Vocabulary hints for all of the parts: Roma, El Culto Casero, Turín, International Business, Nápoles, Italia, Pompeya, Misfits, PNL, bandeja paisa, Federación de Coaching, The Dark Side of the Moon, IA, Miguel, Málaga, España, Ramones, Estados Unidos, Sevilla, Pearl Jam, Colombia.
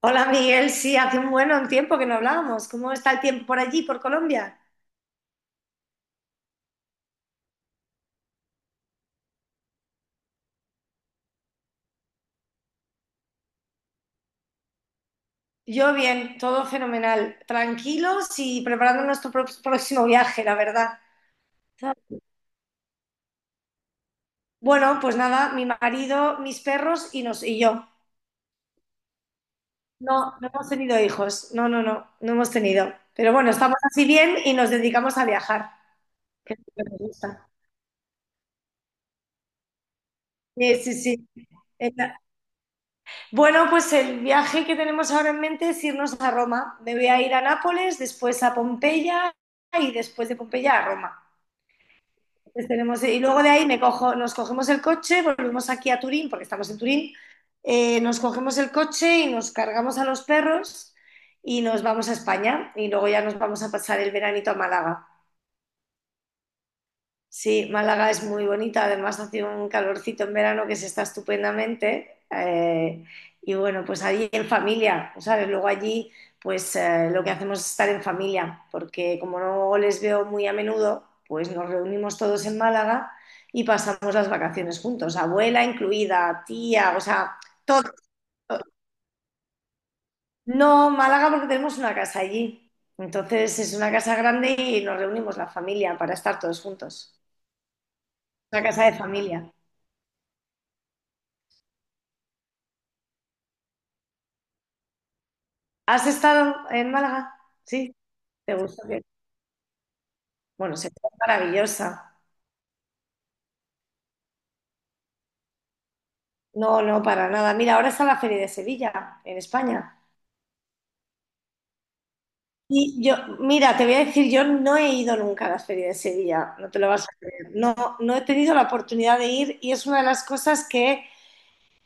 Hola Miguel, sí, hace un buen tiempo que no hablábamos. ¿Cómo está el tiempo por allí, por Colombia? Yo bien, todo fenomenal. Tranquilos y preparando nuestro próximo viaje, la verdad. Bueno, pues nada, mi marido, mis perros y, y yo. No, no hemos tenido hijos. No, no, no, no hemos tenido. Pero bueno, estamos así bien y nos dedicamos a viajar, que es lo que nos gusta. Sí, sí, sí. Bueno, pues el viaje que tenemos ahora en mente es irnos a Roma. Me voy a ir a Nápoles, después a Pompeya y después de Pompeya a Roma. Entonces tenemos, y luego de ahí me cojo, nos cogemos el coche, volvemos aquí a Turín, porque estamos en Turín. Nos cogemos el coche y nos cargamos a los perros y nos vamos a España y luego ya nos vamos a pasar el veranito a Málaga. Sí, Málaga es muy bonita, además hace un calorcito en verano que se está estupendamente. Y bueno, pues allí en familia, ¿sabes? Luego allí, pues lo que hacemos es estar en familia, porque como no les veo muy a menudo, pues nos reunimos todos en Málaga y pasamos las vacaciones juntos, abuela incluida, tía, o sea, todo. No, Málaga porque tenemos una casa allí. Entonces es una casa grande y nos reunimos la familia para estar todos juntos. Una casa de familia. ¿Has estado en Málaga? Sí, te gusta. Bien. Bueno, se es maravillosa. No, no, para nada. Mira, ahora está la Feria de Sevilla, en España. Y yo, mira, te voy a decir, yo no he ido nunca a la Feria de Sevilla, no te lo vas a creer. No, no he tenido la oportunidad de ir y es una de las cosas que...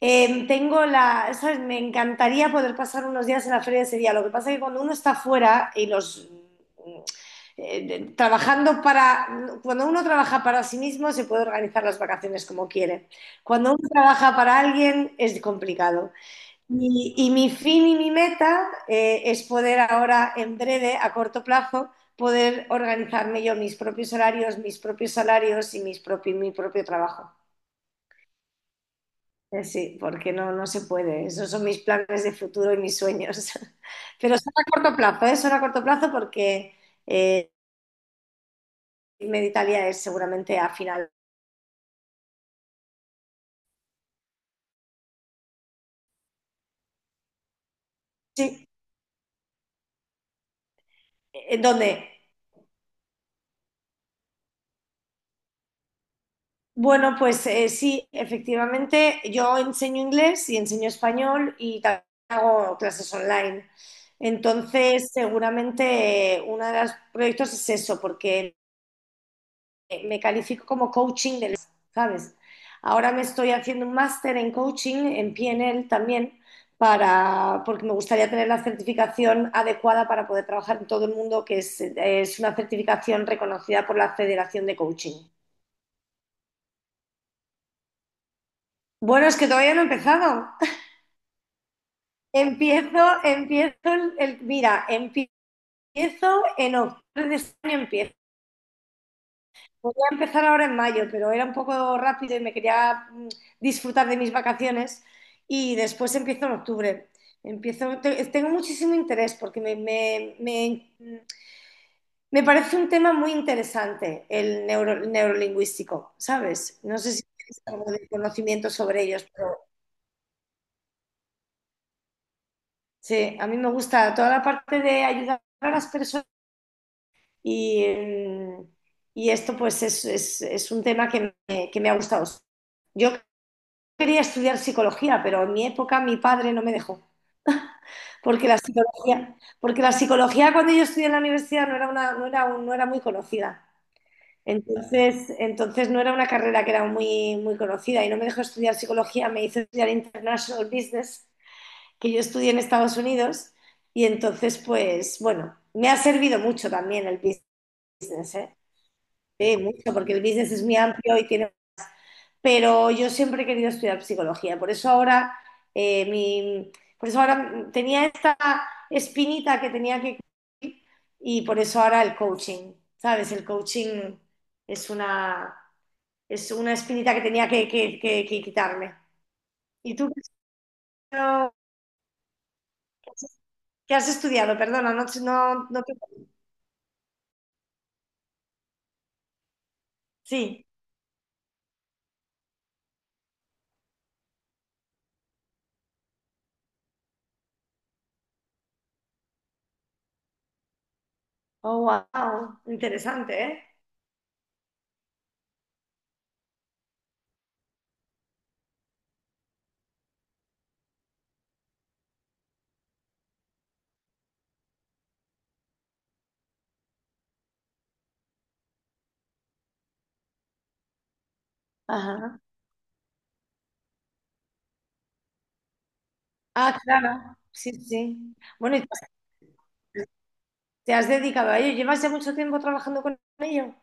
Tengo la, ¿sabes? Me encantaría poder pasar unos días en la feria de Sevilla. Lo que pasa es que cuando uno está fuera y los trabajando para, cuando uno trabaja para sí mismo se puede organizar las vacaciones como quiere. Cuando uno trabaja para alguien es complicado. Y mi fin y mi meta es poder ahora, en breve, a corto plazo, poder organizarme yo mis propios horarios, mis propios salarios y mi propio trabajo. Sí, porque no, no se puede. Esos son mis planes de futuro y mis sueños. Pero son a corto plazo, ¿eh? Son a corto plazo porque eh, irme de Italia es seguramente a final. Sí, ¿en dónde? Bueno, pues sí, efectivamente, yo enseño inglés y enseño español y también hago clases online. Entonces, seguramente uno de los proyectos es eso, porque me califico como coaching del, ¿sabes? Ahora me estoy haciendo un máster en coaching, en PNL también, para, porque me gustaría tener la certificación adecuada para poder trabajar en todo el mundo, que es una certificación reconocida por la Federación de Coaching. Bueno, es que todavía no he empezado. Empiezo, empiezo, mira, empiezo en octubre de este año, empiezo... Voy a empezar ahora en mayo, pero era un poco rápido y me quería disfrutar de mis vacaciones y después empiezo en octubre. Empiezo, tengo muchísimo interés porque me parece un tema muy interesante el neurolingüístico, ¿sabes? No sé si tienes algo de conocimiento sobre ellos, pero sí, a mí me gusta toda la parte de ayudar a las personas y, y esto pues es un tema que que me ha gustado. Yo quería estudiar psicología, pero en mi época mi padre no me dejó, porque la psicología cuando yo estudié en la universidad no era una, no era muy conocida. Entonces no era una carrera que era muy, muy conocida y no me dejó estudiar psicología, me hizo estudiar International Business, que yo estudié en Estados Unidos y entonces pues bueno, me ha servido mucho también el business, ¿eh? Sí, mucho, porque el business es muy amplio y tiene... Pero yo siempre he querido estudiar psicología, por eso ahora, eh, mi, por eso ahora tenía esta espinita que tenía que cubrir y por eso ahora el coaching, ¿sabes? El coaching es una, es una espinita que tenía que, que quitarme. ¿Y tú qué has estudiado? ¿Qué has estudiado? Perdona, no, te... Sí. Oh, wow. Interesante, ¿eh? Ajá. Ah, claro. Sí, sí. Bueno, y tú te has dedicado a ello. ¿Llevas ya mucho tiempo trabajando con ello?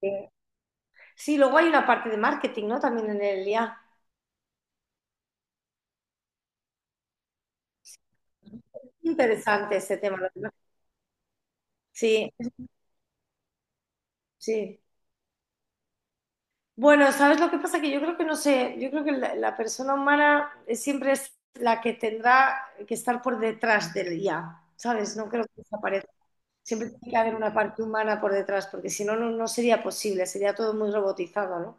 Sí. Sí, luego hay una parte de marketing, ¿no? También en el IA. Interesante ese tema, la verdad. Sí, sí. Bueno, ¿sabes lo que pasa? Que yo creo que no sé, yo creo que la persona humana siempre es la que tendrá que estar por detrás del IA, ¿sabes? No creo que desaparezca. Siempre tiene que haber una parte humana por detrás, porque si no, no, no sería posible, sería todo muy robotizado, ¿no?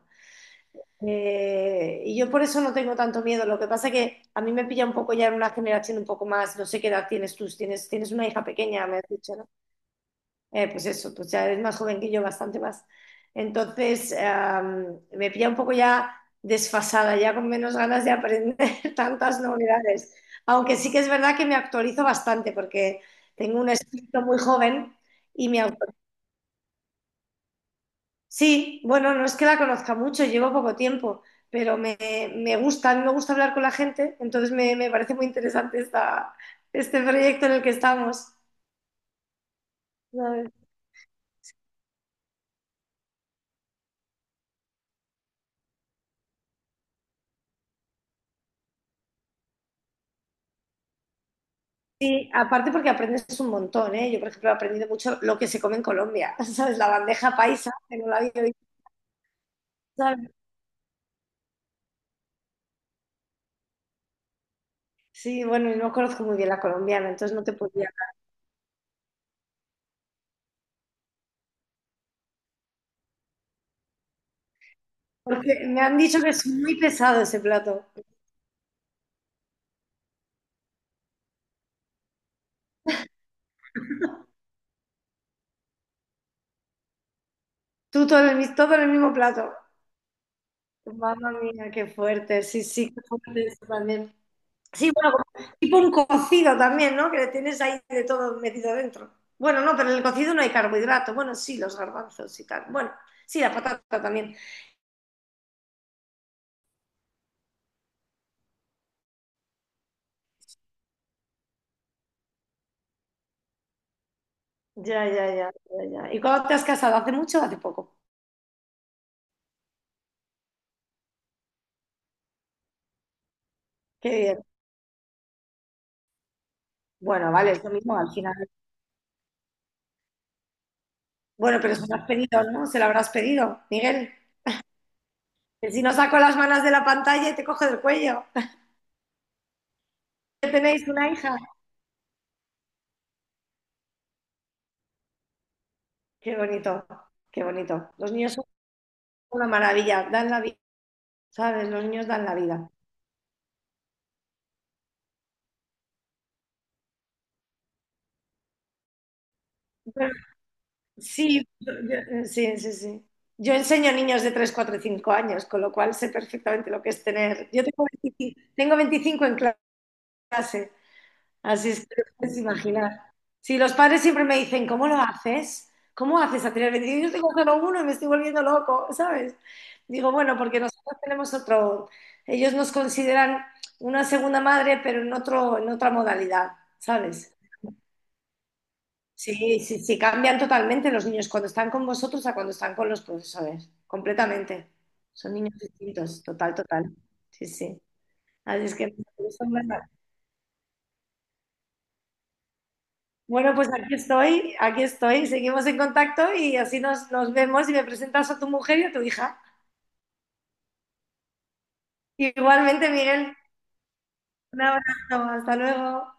Y yo por eso no tengo tanto miedo. Lo que pasa que a mí me pilla un poco ya en una generación un poco más, no sé qué edad tienes tú, si tienes, tienes una hija pequeña, me has dicho, ¿no? Pues eso, pues ya eres más joven que yo, bastante más. Entonces, me pilla un poco ya desfasada, ya con menos ganas de aprender tantas novedades. Aunque sí que es verdad que me actualizo bastante porque tengo un espíritu muy joven y me, au- Sí, bueno, no es que la conozca mucho, llevo poco tiempo, pero me gusta, a mí me gusta hablar con la gente, entonces me parece muy interesante este proyecto en el que estamos. ¿Sabes? Sí, aparte porque aprendes un montón, ¿eh? Yo, por ejemplo, he aprendido mucho lo que se come en Colombia, ¿sabes? La bandeja paisa, que no la había visto, ¿sabes? Sí, bueno, y no conozco muy bien la colombiana, entonces no te podía. Porque me han dicho que es muy pesado ese plato. Tú todo en todo en el mismo plato. Mamma mía, qué fuerte, sí, sí, qué fuerte eso también. Sí, bueno, como tipo un cocido también, ¿no? Que le tienes ahí de todo metido dentro. Bueno, no, pero en el cocido no hay carbohidrato. Bueno, sí, los garbanzos y tal. Bueno, sí, la patata también. Ya, ya, ya, ya, ya. ¿Y cuándo te has casado? ¿Hace mucho o hace poco? Qué bien. Bueno, vale, es lo mismo al final. Bueno, pero se lo has pedido, ¿no? Se lo habrás pedido, Miguel. Que si no saco las manos de la pantalla y te coge del cuello. Que tenéis una hija. Qué bonito, qué bonito. Los niños son una maravilla, dan la vida, ¿sabes? Los niños dan la vida. Sí, sí, sí, sí. Yo enseño a niños de 3, 4 y 5 años, con lo cual sé perfectamente lo que es tener. Yo tengo 25 Tengo 25 en clase, así es que te puedes imaginar. Sí, los padres siempre me dicen, ¿cómo lo haces? ¿Cómo haces a tener veinticinco? Yo tengo solo uno y me estoy volviendo loco, ¿sabes? Digo, bueno, porque nosotros tenemos otro, ellos nos consideran una segunda madre, pero en otra modalidad, ¿sabes? Sí, sí, sí, cambian totalmente los niños cuando están con vosotros a cuando están con los profesores, completamente. Son niños distintos, total, total. Sí, sí. Así es que eso es verdad. Bueno, pues aquí estoy, seguimos en contacto y así nos vemos y me presentas a tu mujer y a tu hija. Igualmente, Miguel, un abrazo, hasta luego.